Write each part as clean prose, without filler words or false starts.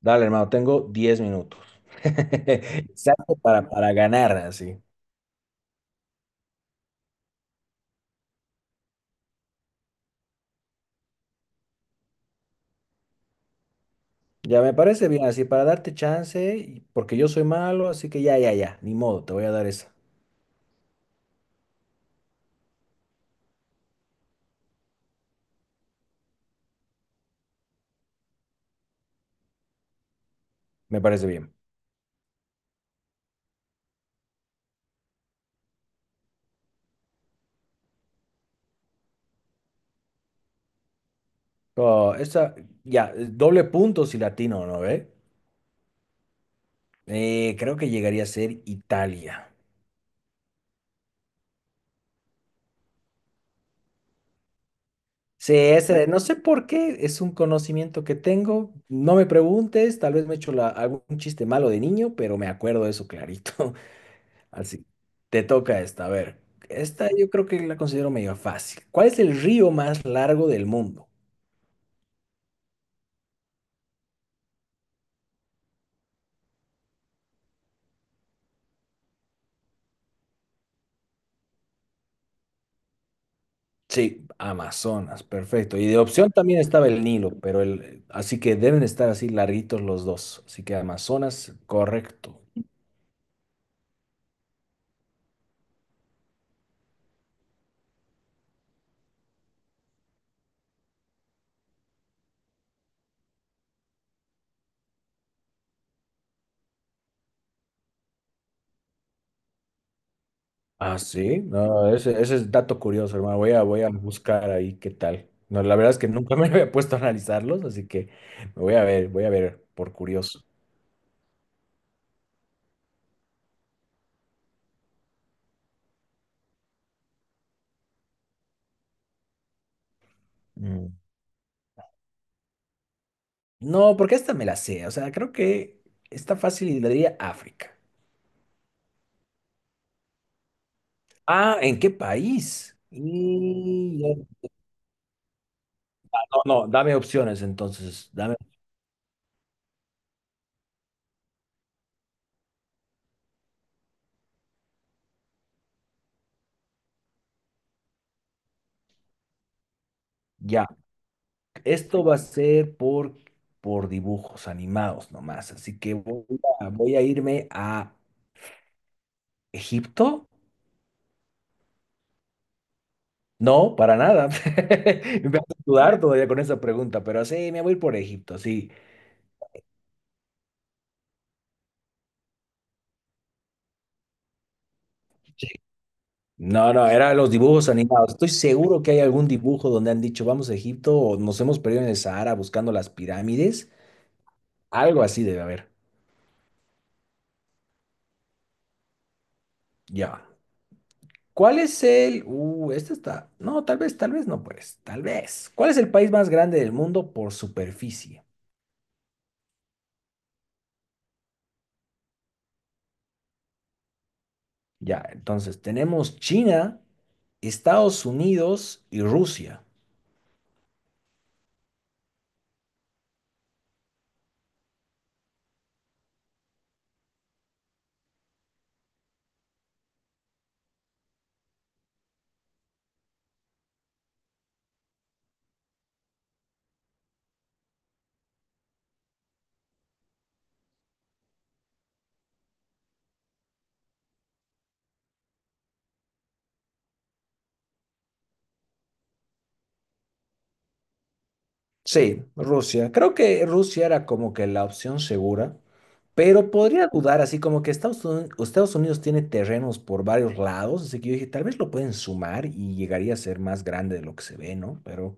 Dale, hermano, tengo 10 minutos. Exacto, para ganar, así. Ya me parece bien, así, para darte chance, porque yo soy malo, así que ya, ya, ya, ni modo, te voy a dar esa. Me parece bien. Oh, esa, ya, doble punto si latino, ¿no ve? Creo que llegaría a ser Italia. Sí, ese, no sé por qué, es un conocimiento que tengo. No me preguntes, tal vez me he hecho la- algún chiste malo de niño, pero me acuerdo de eso clarito. Así, te toca esta. A ver, esta yo creo que la considero medio fácil. ¿Cuál es el río más largo del mundo? Sí, Amazonas, perfecto. Y de opción también estaba el Nilo, pero el, así que deben estar así larguitos los dos. Así que Amazonas, correcto. Ah, sí, no, ese es dato curioso, hermano. Voy a buscar ahí qué tal. No, la verdad es que nunca me había puesto a analizarlos, así que me voy a ver por curioso. Mm. No, porque esta me la sé. O sea, creo que está fácil y le diría África. Ah, ¿en qué país? Y... No, no, dame opciones entonces. Dame. Ya. Esto va a ser por dibujos animados nomás. Así que voy a irme a Egipto. No, para nada. Me vas a sudar todavía con esa pregunta, pero sí, me voy por Egipto, sí. No, no, eran los dibujos animados. Estoy seguro que hay algún dibujo donde han dicho vamos a Egipto o nos hemos perdido en el Sahara buscando las pirámides. Algo así debe haber. Ya. ¿Cuál es el... este está... No, tal vez no, pues. Tal vez. ¿Cuál es el país más grande del mundo por superficie? Ya, entonces tenemos China, Estados Unidos y Rusia. Sí, Rusia. Creo que Rusia era como que la opción segura, pero podría dudar, así como que Estados Unidos, Estados Unidos tiene terrenos por varios lados, así que yo dije, tal vez lo pueden sumar y llegaría a ser más grande de lo que se ve, ¿no? Pero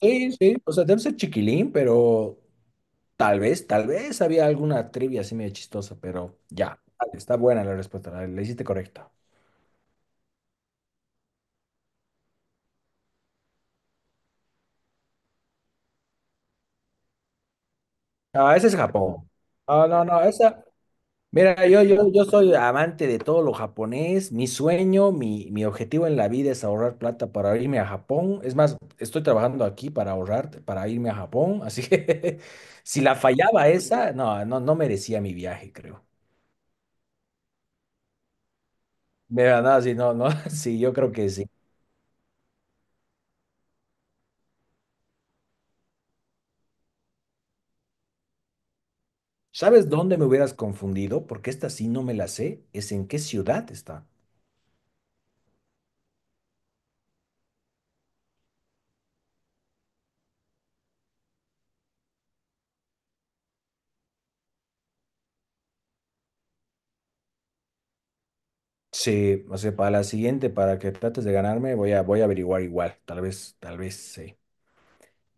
sí, sí, o sea, debe ser chiquilín, pero tal vez había alguna trivia así medio chistosa, pero ya, vale, está buena la respuesta, la hiciste correcta. Ah, ese es Japón. Ah, no, no, esa, mira, yo soy amante de todo lo japonés. Mi sueño, mi objetivo en la vida es ahorrar plata para irme a Japón. Es más, estoy trabajando aquí para ahorrar, para irme a Japón. Así que si la fallaba esa, no, no, no merecía mi viaje, creo. Mira, no, sí, no, no, sí, yo creo que sí. ¿Sabes dónde me hubieras confundido? Porque esta sí no me la sé. Es en qué ciudad está. Sí, o sea, para la siguiente, para que trates de ganarme, voy a averiguar igual. Tal vez, sí.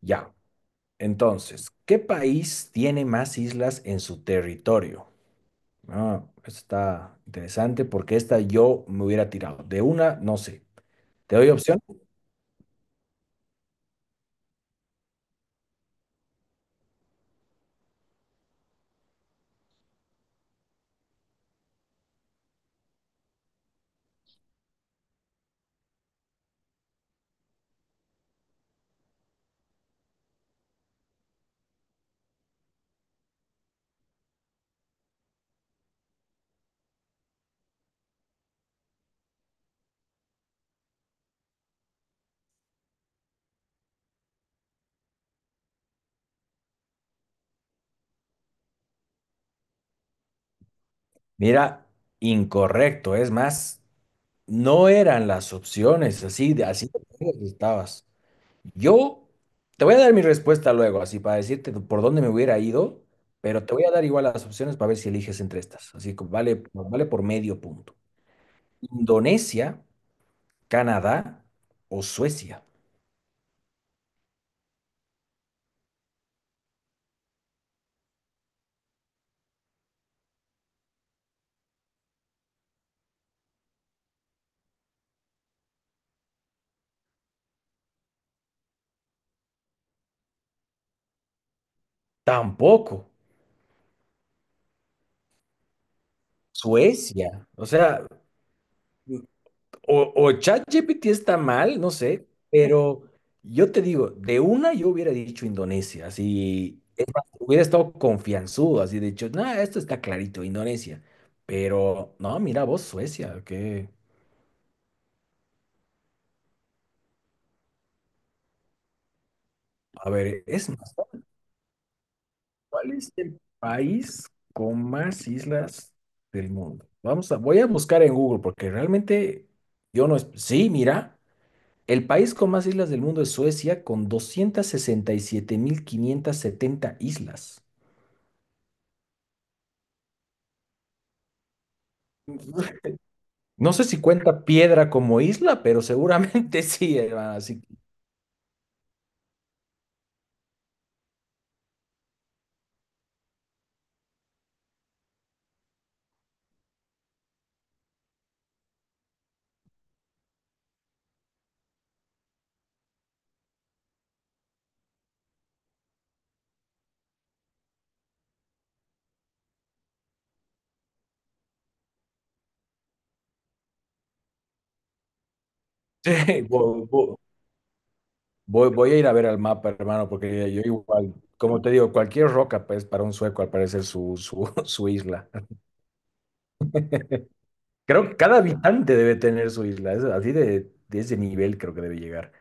Ya. Entonces, ¿qué país tiene más islas en su territorio? Ah, esto está interesante porque esta yo me hubiera tirado. De una, no sé. ¿Te doy opción? Mira, incorrecto. Es más, no eran las opciones. Así de lejos estabas. Yo te voy a dar mi respuesta luego, así para decirte por dónde me hubiera ido, pero te voy a dar igual las opciones para ver si eliges entre estas. Así que vale, vale por medio punto. Indonesia, Canadá o Suecia. Tampoco. Suecia. O sea, o, o ChatGPT está mal, no sé, pero yo te digo, de una yo hubiera dicho Indonesia, así hubiera estado confianzudo, así de hecho nada esto está clarito, Indonesia. Pero no, mira vos, Suecia, que, a ver, es más, ¿cuál es el país con más islas del mundo? Voy a buscar en Google porque realmente yo no, es- sí, mira. El país con más islas del mundo es Suecia, con 267.570 islas. No sé si cuenta Piedra como isla, pero seguramente sí, hermano. Así que vo- vo- voy a ir a ver al mapa, hermano, porque yo igual, como te digo, cualquier roca, pues para un sueco, al parecer, su isla. Creo que cada habitante debe tener su isla. Es así de ese nivel creo que debe llegar.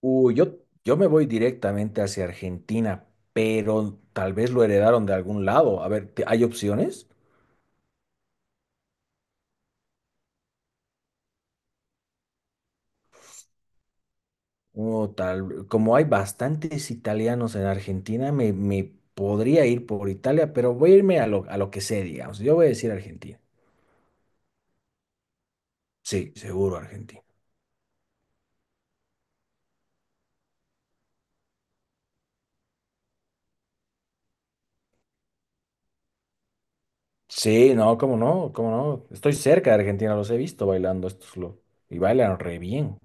Uh, yo, yo me voy directamente hacia Argentina, pero tal vez lo heredaron de algún lado. A ver, ¿hay opciones? O tal, como hay bastantes italianos en Argentina, me podría ir por Italia, pero voy a irme a lo que sé, digamos. Yo voy a decir Argentina. Sí, seguro Argentina. Sí, no, cómo no, cómo no. Estoy cerca de Argentina, los he visto bailando estos lo, y bailan re bien.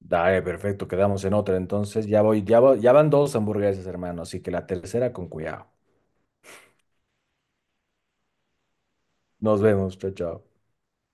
Dale, perfecto, quedamos en otra. Entonces ya van dos hamburguesas, hermano, así que la tercera con cuidado. Nos vemos, chao, chao.